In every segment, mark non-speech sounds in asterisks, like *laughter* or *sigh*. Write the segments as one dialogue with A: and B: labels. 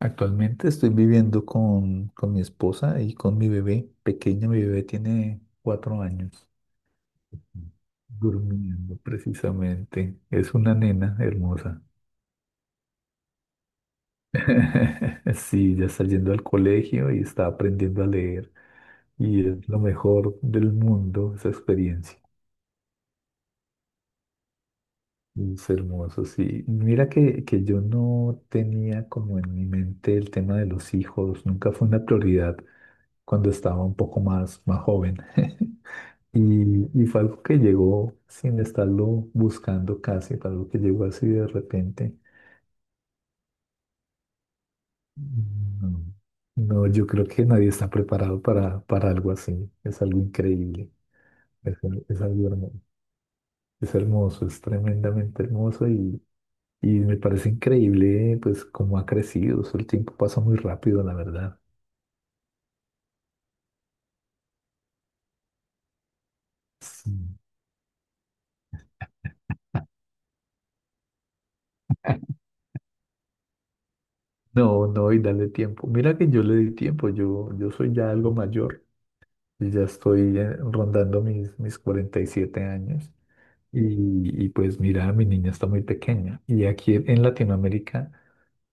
A: Actualmente estoy viviendo con mi esposa y con mi bebé pequeño. Mi bebé tiene 4 años, durmiendo precisamente. Es una nena hermosa. *laughs* Sí, ya está yendo al colegio y está aprendiendo a leer. Y es lo mejor del mundo esa experiencia. Es hermoso, sí. Mira que yo no tenía como en mi mente el tema de los hijos. Nunca fue una prioridad cuando estaba un poco más joven. *laughs* Y fue algo que llegó sin estarlo buscando casi, fue algo que llegó así de repente. No, no, yo creo que nadie está preparado para algo así. Es algo increíble, es, es algo hermoso, es tremendamente hermoso y me parece increíble pues cómo ha crecido. Eso, el tiempo pasa muy rápido, la verdad. Sí. No, no, y dale tiempo. Mira que yo le di tiempo, yo soy ya algo mayor, y ya estoy rondando mis 47 años. Y pues mira, mi niña está muy pequeña. Y aquí en Latinoamérica,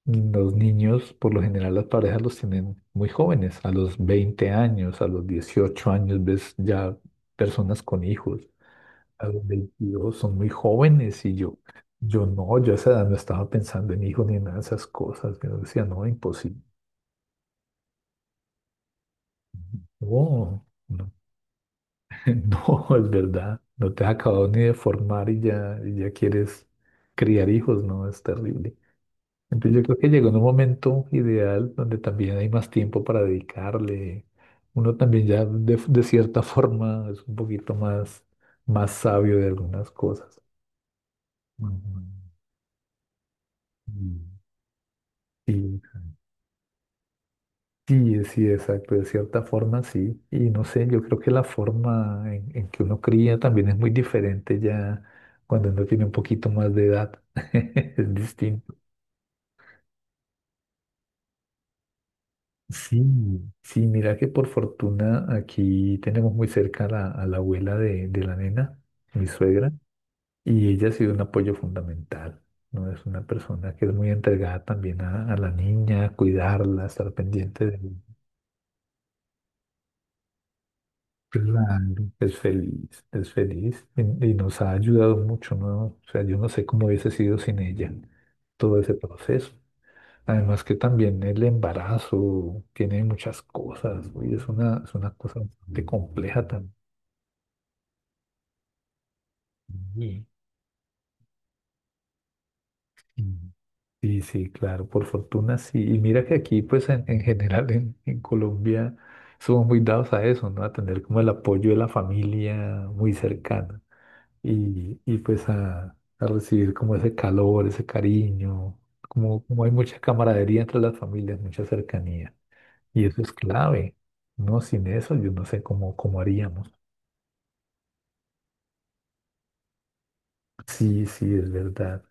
A: los niños, por lo general, las parejas los tienen muy jóvenes, a los 20 años, a los 18 años, ves ya personas con hijos, a los 22 son muy jóvenes. Y yo no, yo a esa edad no estaba pensando en hijos ni en nada de esas cosas. Yo decía, no, imposible. No, no, *laughs* no, es verdad. No te has acabado ni de formar y ya, quieres criar hijos, no, es terrible. Entonces yo creo que llegó en un momento ideal donde también hay más tiempo para dedicarle. Uno también ya de cierta *laughs* forma es un poquito más sabio de algunas cosas. Ujú. Mm. Sí, sí, sí, exacto, de cierta forma sí. Y no sé, yo creo que la forma en que uno cría también es muy diferente ya cuando uno tiene un poquito más de edad. *laughs* Es distinto. Sí, sí, mira que por fortuna aquí tenemos muy cerca a la abuela de la nena, mi suegra, y ella ha sido un apoyo fundamental, ¿no? Es una persona que es muy entregada también a la niña, a cuidarla, a estar pendiente de ella. Claro. Es feliz y nos ha ayudado mucho, ¿no? O sea, yo no sé cómo hubiese sido sin ella todo ese proceso. Además que también el embarazo tiene muchas cosas, güey, es una cosa bastante compleja también. Y- Sí, sí, claro, por fortuna sí. Y mira que aquí, pues en general en Colombia somos muy dados a eso, ¿no? A tener como el apoyo de la familia muy cercana y pues a recibir como ese calor, ese cariño, como hay mucha camaradería entre las familias, mucha cercanía. Y eso es clave. No, sin eso yo no sé cómo haríamos. Sí, sí, es verdad.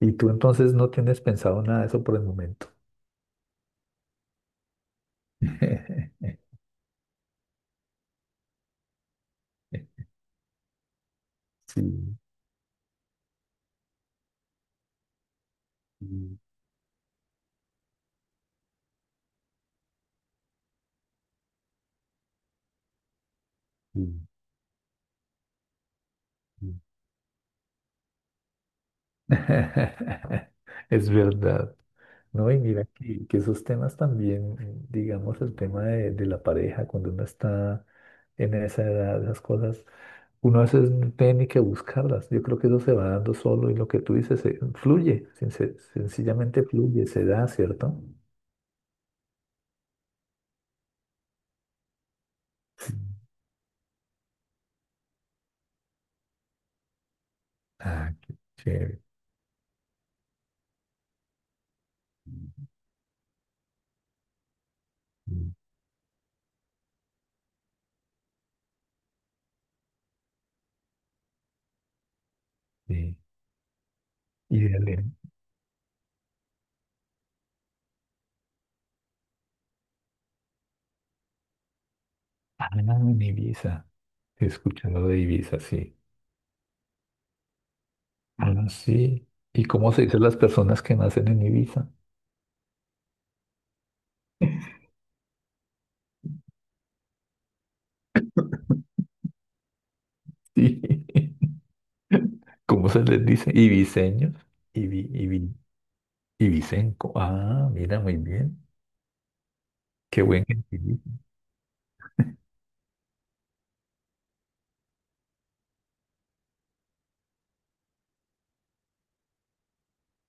A: Y tú entonces no tienes pensado nada de eso por el momento. *laughs* Sí, sí, sí, sí. *laughs* Es verdad. No, y mira que esos temas también, digamos, el tema de la pareja, cuando uno está en esa edad, esas cosas, uno a veces no tiene ni que buscarlas. Yo creo que eso se va dando solo y lo que tú dices, fluye, sencillamente fluye, se da, ¿cierto? Ah, qué chévere. Sí. Y de Ale- Ah, en Ibiza. Escuchando de Ibiza, sí. Ah, sí. ¿Y cómo se dicen las personas que nacen en Ibiza? Sí. *laughs* ¿Cómo se les dice? Ibiseños. Ibi, ibi, ibicenco. Ah, mira, muy bien. Qué buen gentilicio.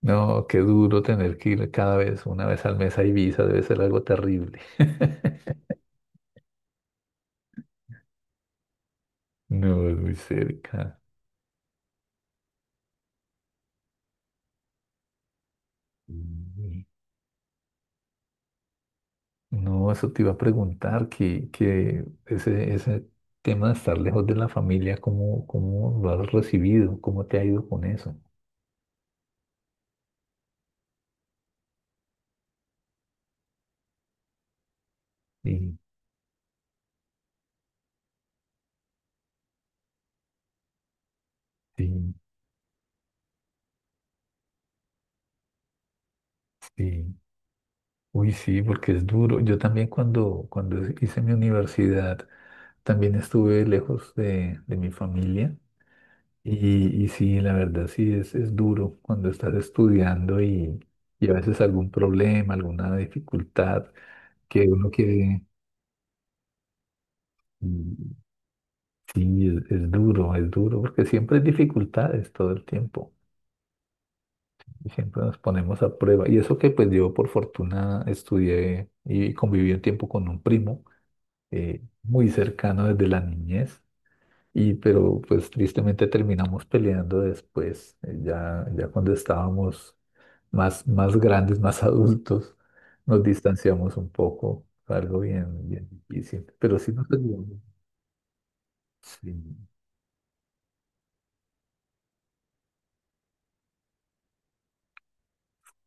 A: No, qué duro tener que ir cada vez, una vez al mes a Ibiza, debe ser algo terrible. *laughs* No, es muy cerca. Mm. No, eso te iba a preguntar, que ese, ese tema de estar lejos de la familia, ¿cómo lo has recibido? ¿Cómo te ha ido con eso? Sí, sí, sí. Uy, sí, porque es duro. Yo también cuando hice mi universidad, también estuve lejos de mi familia. Y sí, la verdad, sí, es duro cuando estás estudiando y a veces algún problema, alguna dificultad que uno quiere. Sí, es duro, es duro, porque siempre hay dificultades todo el tiempo. Y siempre nos ponemos a prueba. Y eso que pues yo por fortuna estudié y conviví un tiempo con un primo muy cercano desde la niñez. Y pero pues tristemente terminamos peleando después, ya cuando estábamos más grandes, más *laughs* adultos, nos distanciamos un poco. Fue algo bien, bien difícil. Pero sí nos ayudamos. Sí.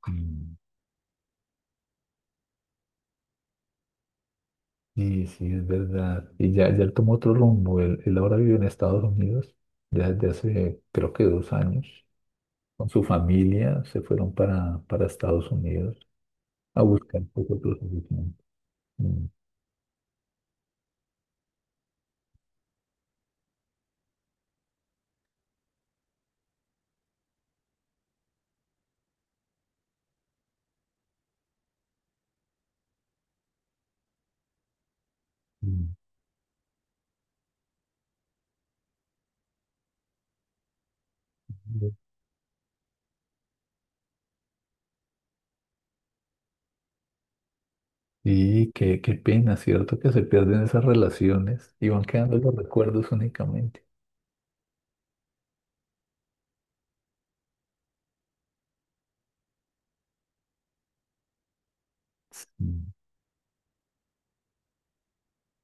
A: Sí. Sí, sí, es verdad. Y ya él tomó otro rumbo. Él ahora vive en Estados Unidos ya desde hace, creo que 2 años. Con su familia se fueron para Estados Unidos a buscar pues, otros horizontes. Mm, mm. Sí, qué pena, ¿cierto? Que se pierden esas relaciones y van quedando los recuerdos únicamente. Mm.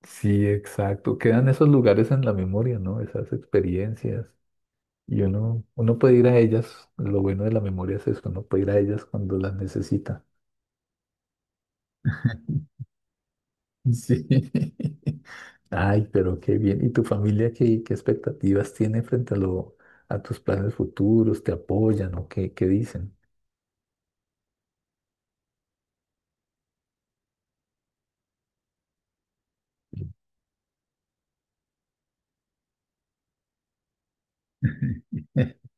A: Sí, exacto. Quedan esos lugares en la memoria, ¿no? Esas experiencias, y uno puede ir a ellas, lo bueno de la memoria es eso, uno puede ir a ellas cuando las necesita. Sí. *laughs* Ay, pero qué bien. ¿Y tu familia qué, qué, expectativas tiene frente a tus planes futuros? ¿Te apoyan o qué dicen? *laughs*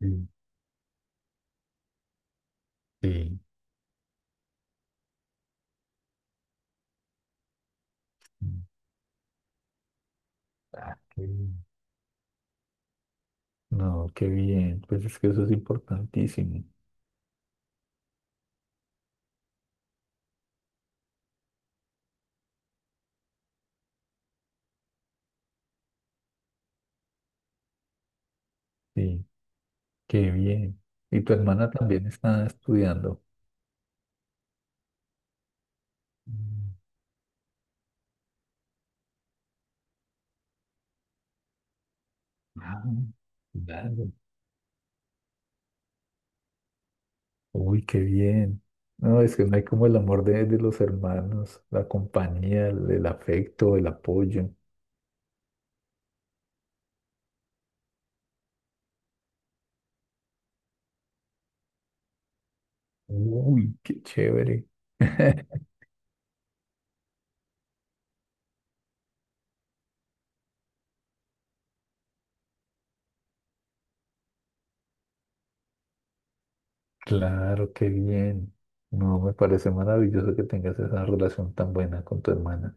A: Sí. Sí. Ah, qué bien. No, qué bien. Pues es que eso es importantísimo. Sí, qué bien. ¿Y tu hermana también está estudiando? Mm. Ah, claro. Uy, qué bien. No, es que no hay como el amor de los hermanos, la compañía, el afecto, el apoyo. Uy, qué chévere. *laughs* Claro, qué bien. No, me parece maravilloso que tengas esa relación tan buena con tu hermana.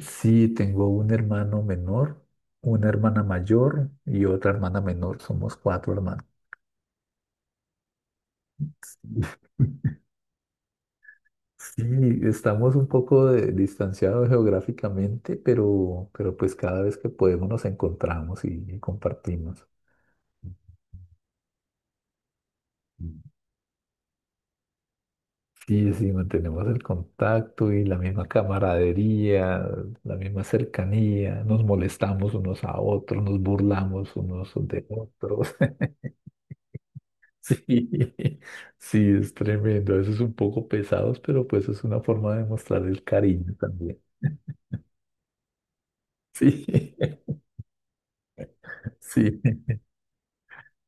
A: Sí, tengo un hermano menor, una hermana mayor y otra hermana menor. Somos cuatro hermanos. *laughs* Sí, estamos un poco distanciados geográficamente, pero pues cada vez que podemos nos encontramos y compartimos. Sí, sí, mantenemos el contacto y la misma camaradería, la misma cercanía, nos molestamos unos a otros, nos burlamos unos de otros. *laughs* Sí, sí, es tremendo. A veces un poco pesados, pero pues es una forma de mostrar el cariño también. Sí, *laughs* sí.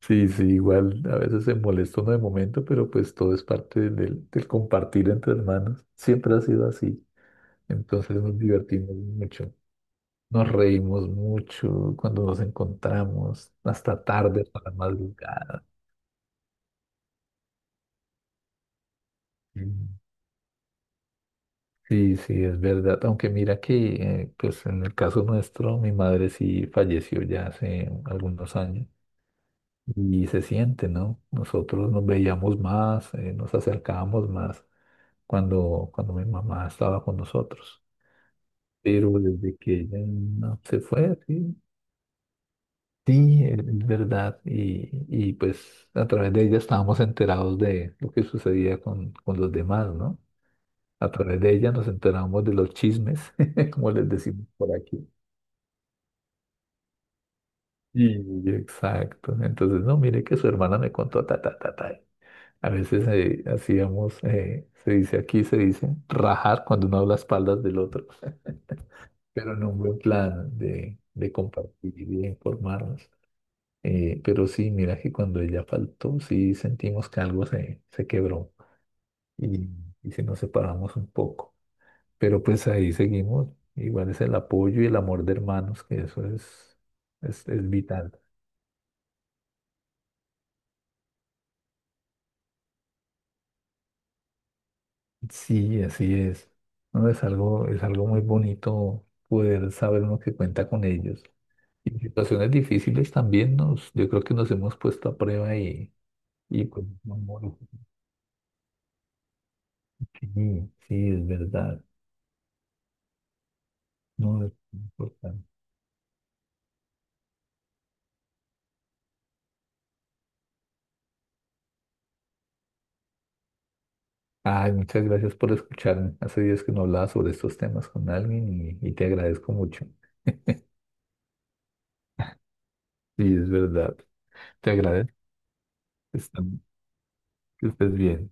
A: Sí, sí, igual a veces se molesta uno de momento, pero pues todo es parte del compartir entre hermanos. Siempre ha sido así. Entonces nos divertimos mucho, nos reímos mucho cuando nos encontramos, hasta tarde, hasta la madrugada. Mm. Sí, sí, es verdad. Aunque mira que, pues en el caso nuestro, mi madre sí falleció ya hace algunos años y se siente, ¿no? Nosotros nos veíamos más, nos acercábamos más cuando mi mamá estaba con nosotros. Pero desde que ella no se fue, sí, sí, es verdad. Y pues a través de ella estábamos enterados de lo que sucedía con los demás, ¿no? A través de ella nos enteramos de los chismes, *laughs* como les decimos por aquí. Y exacto. Entonces, no, mire que su hermana me contó ta, ta, ta, ta. A veces hacíamos, se dice aquí, se dice, rajar cuando uno habla a espaldas del otro. Pero en un buen plan de compartir y de informarnos. Pero sí, mira que cuando ella faltó, sí sentimos que algo se quebró y, y sí nos separamos un poco. Pero pues ahí seguimos. Igual es el apoyo y el amor de hermanos, que eso es, es vital. Sí, así es. No, es algo muy bonito poder saber uno que cuenta con ellos. Y en situaciones difíciles también nos, yo creo que nos hemos puesto a prueba y pues, amor. Sí, sí, es verdad. No, es importante. Ay, muchas gracias por escucharme. Hace días que no hablaba sobre estos temas con alguien y te agradezco mucho. Sí, es verdad. Te agradezco. Está- Que estés bien.